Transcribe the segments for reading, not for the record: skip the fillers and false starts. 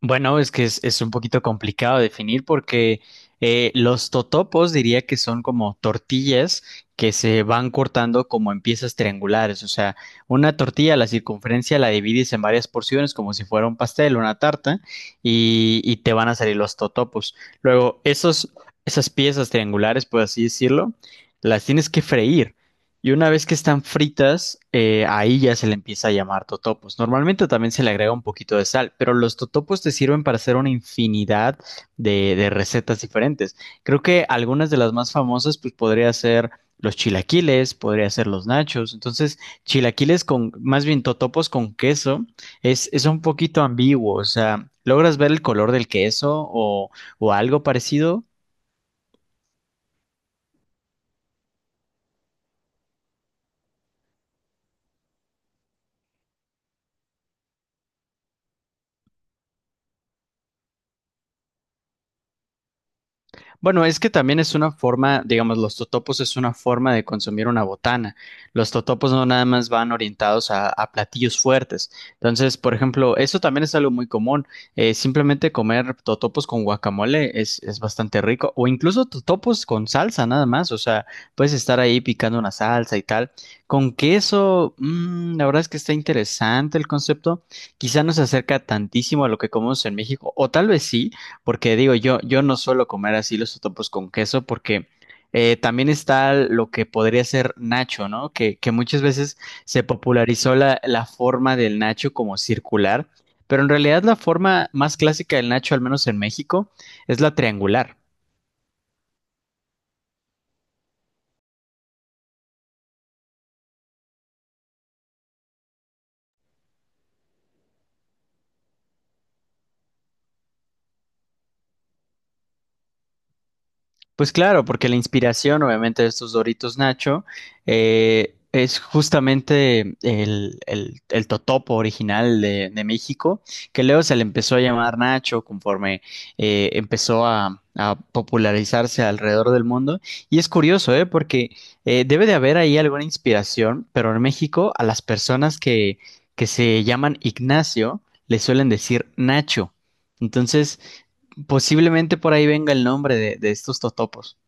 Bueno, es que es un poquito complicado definir porque los totopos diría que son como tortillas que se van cortando como en piezas triangulares. O sea, una tortilla, la circunferencia la divides en varias porciones como si fuera un pastel, una tarta, y te van a salir los totopos. Luego, esas piezas triangulares, por así decirlo, las tienes que freír. Y una vez que están fritas, ahí ya se le empieza a llamar totopos. Normalmente también se le agrega un poquito de sal, pero los totopos te sirven para hacer una infinidad de recetas diferentes. Creo que algunas de las más famosas, pues podría ser los chilaquiles, podría ser los nachos. Entonces, chilaquiles con, más bien totopos con queso, es un poquito ambiguo. O sea, ¿logras ver el color del queso o algo parecido? Bueno, es que también es una forma, digamos, los totopos es una forma de consumir una botana. Los totopos no nada más van orientados a platillos fuertes. Entonces, por ejemplo, eso también es algo muy común. Simplemente comer totopos con guacamole es bastante rico. O incluso totopos con salsa nada más. O sea, puedes estar ahí picando una salsa y tal. Con queso, mm, la verdad es que está interesante el concepto. Quizá no se acerca tantísimo a lo que comemos en México. O tal vez sí. Porque digo, yo no suelo comer así los totopos con queso porque también está lo que podría ser nacho, ¿no? Que muchas veces se popularizó la forma del nacho como circular, pero en realidad la forma más clásica del nacho, al menos en México, es la triangular. Pues claro, porque la inspiración, obviamente, de estos Doritos Nacho es justamente el totopo original de México, que luego se le empezó a llamar Nacho conforme empezó a popularizarse alrededor del mundo. Y es curioso, ¿eh? Porque debe de haber ahí alguna inspiración, pero en México a las personas que se llaman Ignacio le suelen decir Nacho. Entonces, posiblemente por ahí venga el nombre de estos totopos.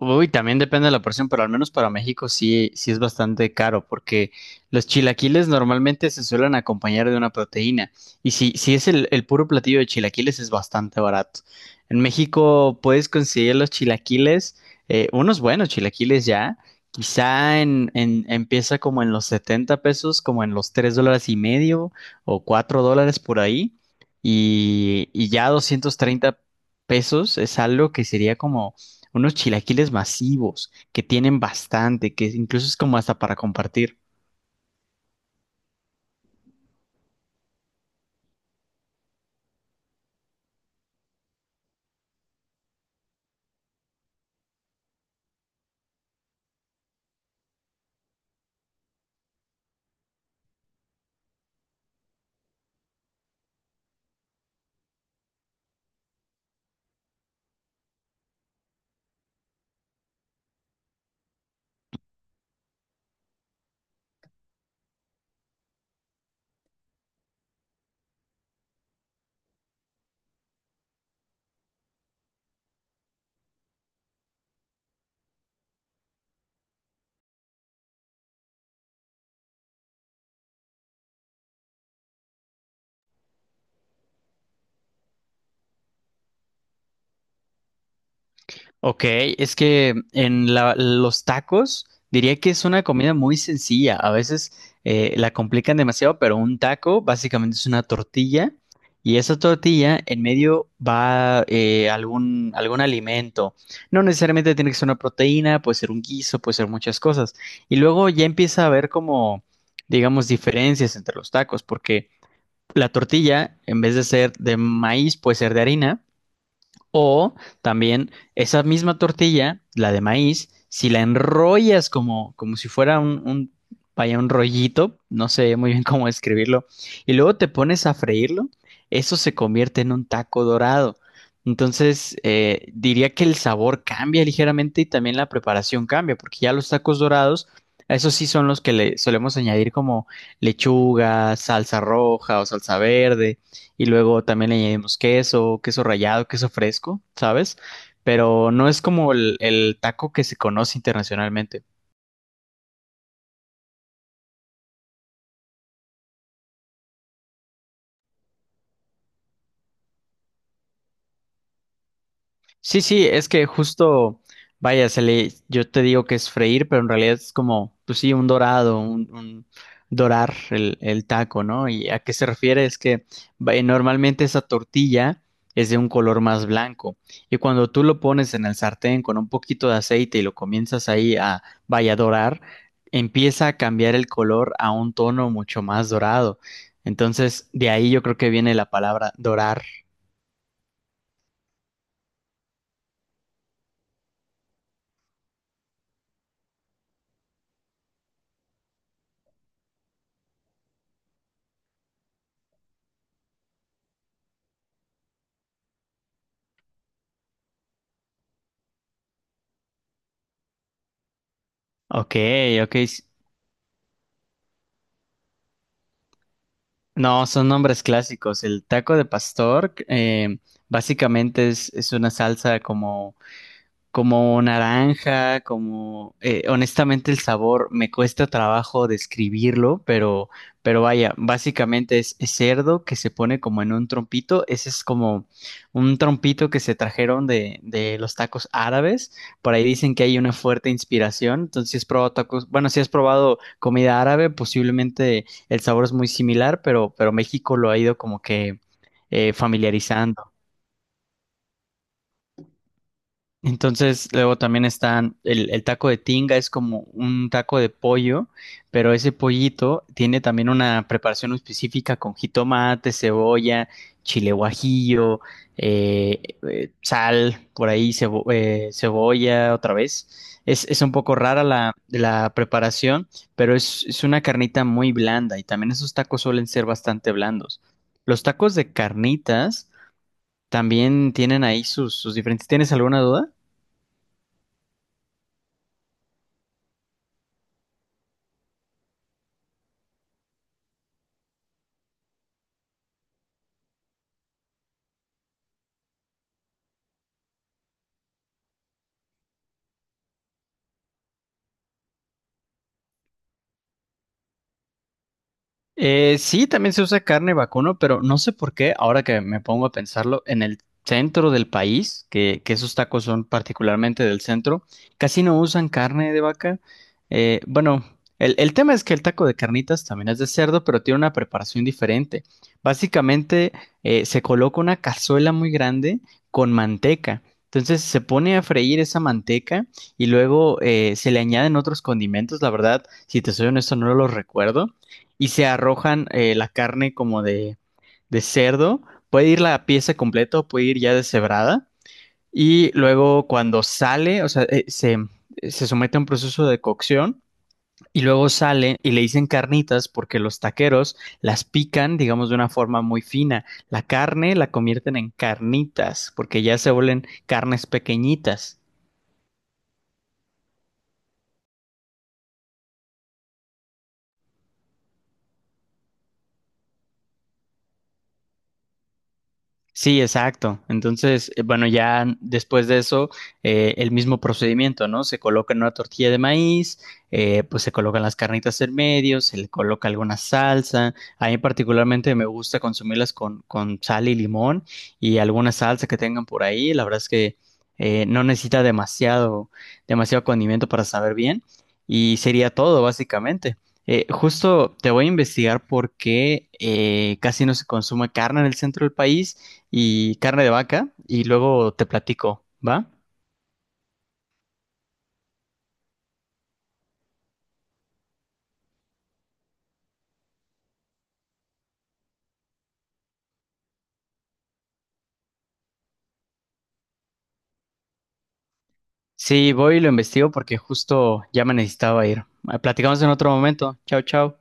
Uy, también depende de la porción, pero al menos para México sí, sí es bastante caro, porque los chilaquiles normalmente se suelen acompañar de una proteína. Y si es el puro platillo de chilaquiles, es bastante barato. En México puedes conseguir los chilaquiles, unos buenos chilaquiles ya. Quizá empieza como en los 70 pesos, como en los 3 dólares y medio o 4 dólares por ahí. Y ya 230 pesos es algo que sería como unos chilaquiles masivos que tienen bastante, que incluso es como hasta para compartir. Ok, es que en los tacos diría que es una comida muy sencilla. A veces la complican demasiado, pero un taco básicamente es una tortilla y esa tortilla en medio va algún alimento. No necesariamente tiene que ser una proteína, puede ser un guiso, puede ser muchas cosas. Y luego ya empieza a haber como, digamos, diferencias entre los tacos, porque la tortilla, en vez de ser de maíz, puede ser de harina. O también esa misma tortilla, la de maíz, si la enrollas como, como si fuera vaya, un rollito, no sé muy bien cómo describirlo, y luego te pones a freírlo, eso se convierte en un taco dorado. Entonces, diría que el sabor cambia ligeramente y también la preparación cambia, porque ya los tacos dorados, esos sí son los que le solemos añadir como lechuga, salsa roja o salsa verde, y luego también le añadimos queso, queso rallado, queso fresco, ¿sabes? Pero no es como el taco que se conoce internacionalmente. Sí, sí, es que justo, vaya, se le, yo te digo que es freír, pero en realidad es como, pues sí, un dorado, un dorar el taco, ¿no? ¿Y a qué se refiere? Es que vaya, normalmente esa tortilla es de un color más blanco y cuando tú lo pones en el sartén con un poquito de aceite y lo comienzas ahí a, vaya, dorar, empieza a cambiar el color a un tono mucho más dorado. Entonces, de ahí yo creo que viene la palabra dorar. Ok, ok. No, son nombres clásicos. El taco de pastor, básicamente es una salsa como como naranja, como honestamente el sabor me cuesta trabajo describirlo, pero vaya, básicamente es cerdo que se pone como en un trompito, ese es como un trompito que se trajeron de los tacos árabes, por ahí dicen que hay una fuerte inspiración, entonces si has probado tacos, bueno, si has probado comida árabe, posiblemente el sabor es muy similar, pero México lo ha ido como que familiarizando. Entonces, luego también están el taco de tinga, es como un taco de pollo, pero ese pollito tiene también una preparación específica con jitomate, cebolla, chile guajillo, eh, sal, por ahí cebolla otra vez. Es un poco rara la preparación, pero es una carnita muy blanda y también esos tacos suelen ser bastante blandos. Los tacos de carnitas también tienen ahí sus diferentes. ¿Tienes alguna duda? Sí, también se usa carne vacuno, pero no sé por qué, ahora que me pongo a pensarlo, en el centro del país, que esos tacos son particularmente del centro, casi no usan carne de vaca. Bueno, el tema es que el taco de carnitas también es de cerdo, pero tiene una preparación diferente. Básicamente, se coloca una cazuela muy grande con manteca. Entonces se pone a freír esa manteca y luego se le añaden otros condimentos. La verdad, si te soy honesto, no los recuerdo y se arrojan la carne como de cerdo. Puede ir la pieza completa o puede ir ya deshebrada. Y luego cuando sale, o sea, se somete a un proceso de cocción y luego sale y le dicen carnitas porque los taqueros las pican, digamos, de una forma muy fina. La carne la convierten en carnitas porque ya se vuelven carnes pequeñitas. Sí, exacto. Entonces, bueno, ya después de eso, el mismo procedimiento, ¿no? Se coloca en una tortilla de maíz, pues se colocan las carnitas en medio, se le coloca alguna salsa. A mí particularmente me gusta consumirlas con sal y limón y alguna salsa que tengan por ahí. La verdad es que no necesita demasiado, demasiado condimento para saber bien y sería todo, básicamente. Justo te voy a investigar por qué casi no se consume carne en el centro del país y carne de vaca y luego te platico, ¿va? Sí, voy y lo investigo porque justo ya me necesitaba ir. Ah, platicamos en otro momento. Chao, chao.